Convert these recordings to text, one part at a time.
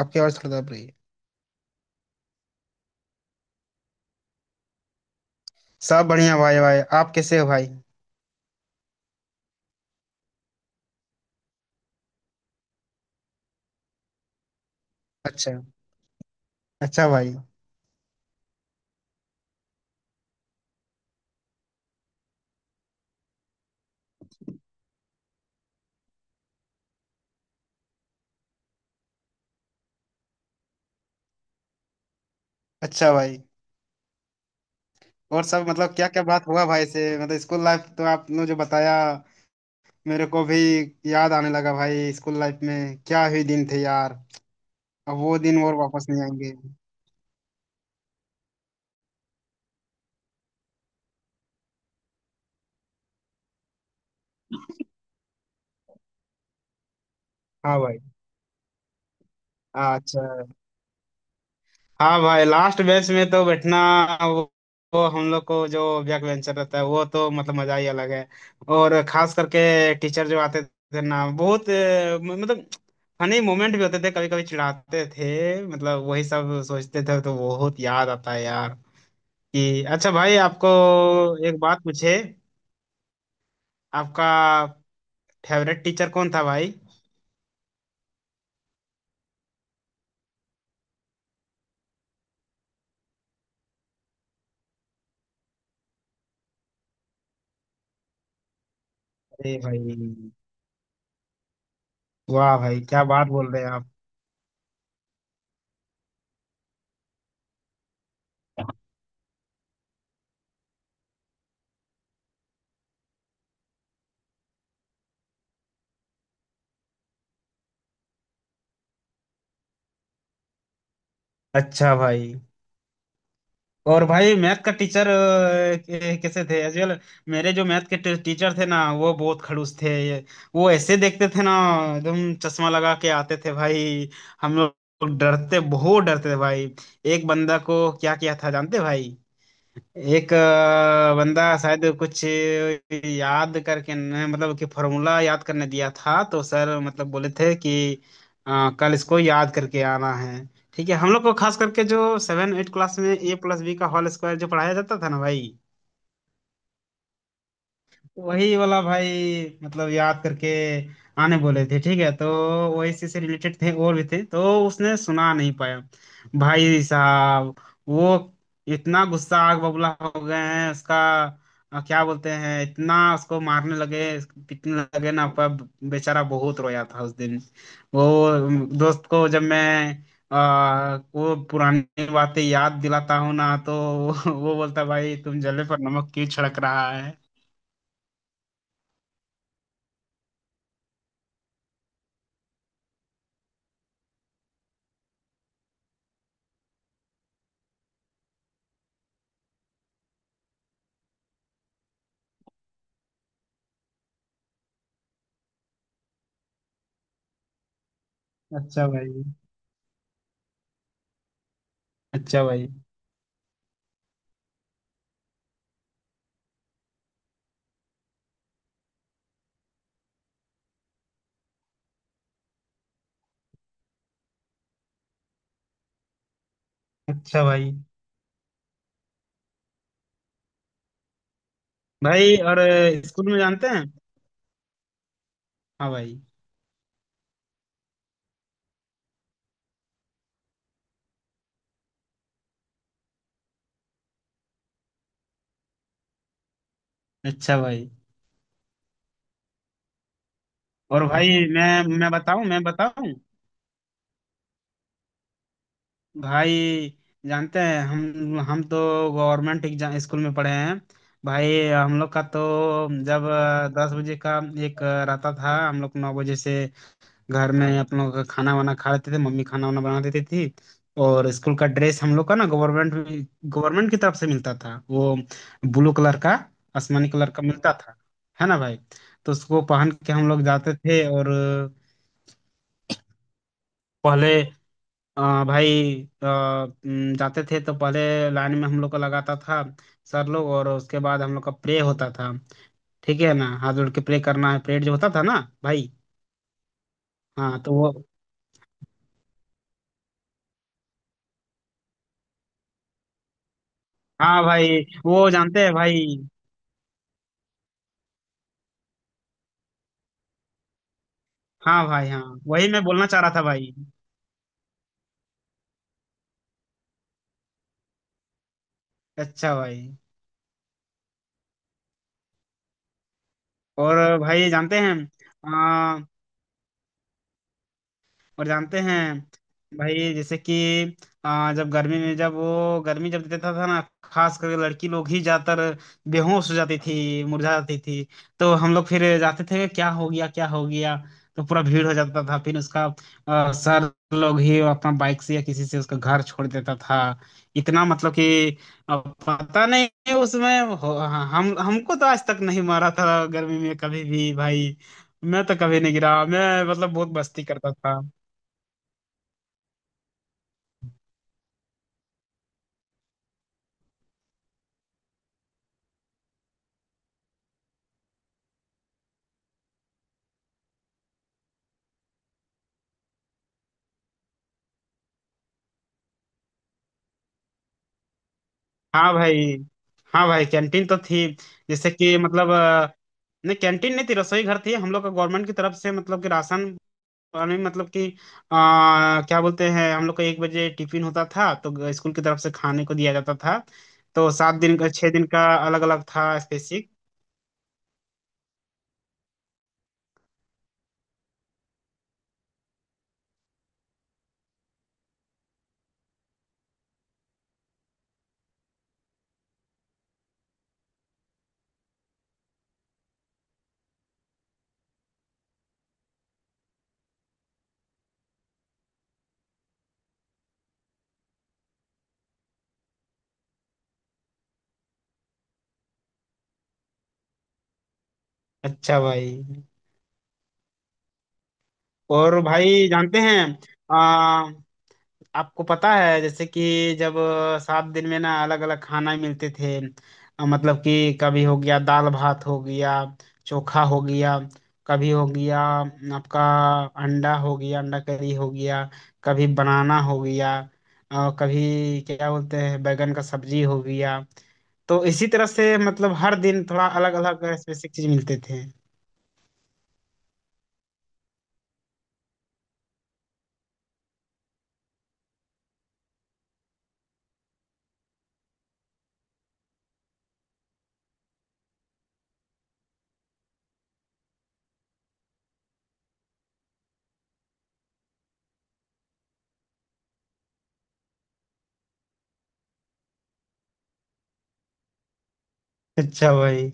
आपकी आवाज थोड़ा दब रही है। सब बढ़िया भाई भाई, आप कैसे हो भाई? अच्छा। अच्छा भाई। अच्छा भाई। और सब मतलब क्या क्या बात हुआ भाई से? मतलब स्कूल लाइफ तो आपने जो बताया, मेरे को भी याद आने लगा भाई। स्कूल लाइफ में क्या ही दिन थे यार। अब वो दिन और वापस नहीं आएंगे। हाँ भाई। हाँ, अच्छा। हाँ भाई, लास्ट बेंच में तो बैठना, वो, वो हम लोग को जो बैक बेंचर रहता है वो तो मतलब मजा ही अलग है। और खास करके टीचर जो आते थे ना, बहुत मतलब फनी मोमेंट भी होते थे, कभी कभी चिढ़ाते थे, मतलब वही सब सोचते थे तो बहुत याद आता है यार। कि अच्छा भाई, आपको एक बात पूछे, आपका फेवरेट टीचर कौन था भाई? अरे भाई। वाह भाई, क्या बात बोल रहे हैं आप। अच्छा भाई। और भाई, मैथ का टीचर कैसे थे एजुअल? मेरे जो मैथ के टीचर थे ना, वो बहुत खड़ूस थे ये। वो ऐसे देखते थे ना, एकदम चश्मा लगा के आते थे भाई। हम लोग डरते, बहुत डरते थे भाई। एक बंदा को क्या किया था जानते भाई? एक बंदा शायद कुछ याद करके मतलब कि फॉर्मूला याद करने दिया था तो सर मतलब बोले थे कि अ, कल इसको याद करके आना है। ठीक है, हम लोग को खास करके जो 7 8 क्लास में A+B का होल स्क्वायर जो पढ़ाया जाता था ना भाई, वही वाला भाई, मतलब याद करके आने बोले थे। ठीक है, तो वही से रिलेटेड थे और भी थे तो उसने सुना नहीं पाया भाई साहब। वो इतना गुस्सा, आग बबूला हो गए हैं उसका, क्या बोलते हैं, इतना उसको मारने लगे, पीटने लगे ना, पर बेचारा बहुत रोया था उस दिन। वो दोस्त को जब मैं वो पुरानी बातें याद दिलाता हूँ ना तो वो बोलता, भाई तुम जले पर नमक क्यों छिड़क रहा है। अच्छा भाई। अच्छा भाई। अच्छा भाई। भाई, और स्कूल में जानते हैं? हाँ भाई। अच्छा भाई। और भाई, मैं बताऊं, मैं बताऊं? भाई जानते हैं, हम तो गवर्नमेंट एग्जाम स्कूल में पढ़े हैं भाई। हम लोग का तो जब 10 बजे का एक रहता था, हम लोग 9 बजे से घर में अपन लोग का खाना वाना खा लेते थे, मम्मी खाना वाना बना देती थी। और स्कूल का ड्रेस हम लोग का ना, गवर्नमेंट गवर्नमेंट की तरफ से मिलता था, वो ब्लू कलर का, आसमानी कलर का मिलता था, है ना भाई? तो उसको पहन के हम लोग जाते थे, और पहले भाई जाते थे तो पहले लाइन में हम लोग को लगाता था सर लोग, और उसके बाद हम लोग का प्रे होता था। ठीक है ना, हाथ जोड़ के प्रे करना है, प्रेयर जो होता था ना भाई। हाँ तो वो। हाँ भाई, वो जानते हैं भाई। हाँ भाई। हाँ वही मैं बोलना चाह रहा था भाई। अच्छा भाई। और भाई जानते हैं? और जानते हैं भाई, जैसे कि जब गर्मी में, जब वो गर्मी जब देता था ना, खास करके लड़की लोग ही ज्यादातर बेहोश हो जाती थी, मुरझा जाती थी। तो हम लोग फिर जाते थे, क्या हो गया क्या हो गया, तो पूरा भीड़ हो जाता था फिर उसका। सर लोग ही अपना बाइक से या किसी से उसका घर छोड़ देता था। इतना मतलब कि पता नहीं उसमें हाँ, हम हमको तो आज तक नहीं मारा था गर्मी में कभी भी भाई। मैं तो कभी नहीं गिरा, मैं मतलब बहुत मस्ती करता था। हाँ भाई। हाँ भाई, कैंटीन तो थी। जैसे कि मतलब नहीं, कैंटीन नहीं थी, रसोई घर थी हम लोग का, गवर्नमेंट की तरफ से मतलब कि राशन पानी, मतलब कि क्या बोलते हैं, हम लोग का 1 बजे टिफिन होता था तो स्कूल की तरफ से खाने को दिया जाता था। तो सात दिन का, 6 दिन का अलग अलग था, स्पेसिफिक। अच्छा भाई। और भाई जानते हैं, आपको पता है जैसे कि जब 7 दिन में ना अलग अलग खाना मिलते थे। मतलब कि कभी हो गया दाल भात हो गया, चोखा हो गया, कभी हो गया आपका अंडा हो गया, अंडा करी हो गया, कभी बनाना हो गया, और कभी क्या बोलते हैं बैगन का सब्जी हो गया। तो इसी तरह से मतलब हर दिन थोड़ा अलग अलग स्पेसिफिक चीज मिलते थे। अच्छा भाई।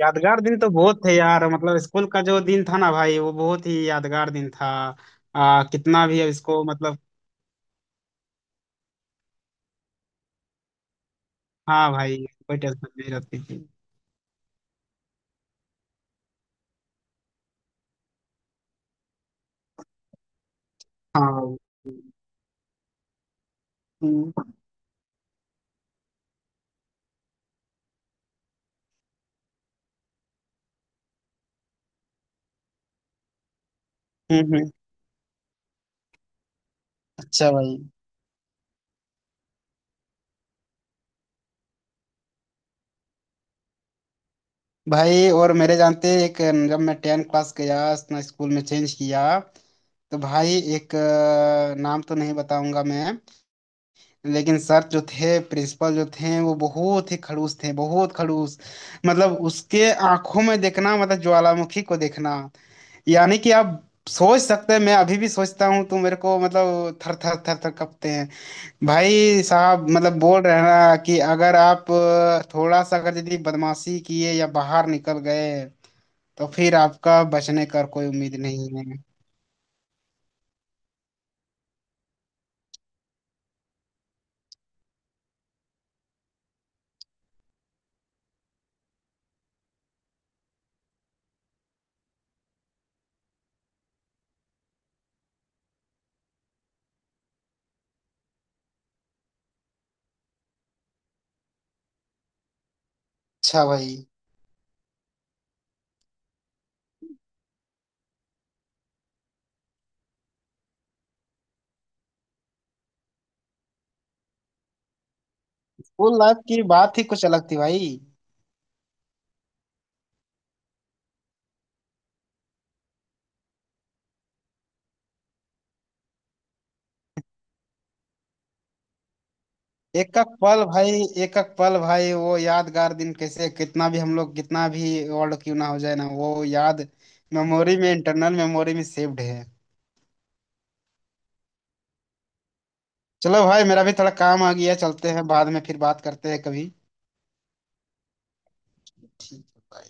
यादगार दिन तो बहुत थे यार, मतलब स्कूल का जो दिन था ना भाई, वो बहुत ही यादगार दिन था। कितना भी इसको, मतलब। हाँ भाई। कोई टेंशन नहीं रहती थी। हाँ भाई। हम्म। हम्म, हम्म। अच्छा भाई। भाई और मेरे जानते, एक जब मैं 10 क्लास गया, अपना स्कूल में चेंज किया, तो भाई एक नाम तो नहीं बताऊंगा मैं, लेकिन सर जो थे, प्रिंसिपल जो थे, वो बहुत ही खड़ूस थे, बहुत खड़ूस। मतलब उसके आंखों में देखना मतलब ज्वालामुखी को देखना, यानी कि आप सोच सकते हैं। मैं अभी भी सोचता हूँ तो मेरे को मतलब थर थर थर थर कपते हैं भाई साहब। मतलब बोल रहे हैं ना कि अगर आप थोड़ा सा अगर यदि बदमाशी किए या बाहर निकल गए तो फिर आपका बचने का कोई उम्मीद नहीं है। अच्छा भाई। स्कूल लाइफ की बात ही कुछ अलग थी भाई। एक एक पल भाई, एक एक पल भाई, वो यादगार दिन कैसे, कितना भी हम लोग कितना भी वर्ल्ड क्यों ना हो जाए ना, वो याद मेमोरी में, इंटरनल मेमोरी में सेव्ड है। चलो भाई, मेरा भी थोड़ा काम आ गया, चलते हैं, बाद में फिर बात करते हैं कभी। ठीक है bye।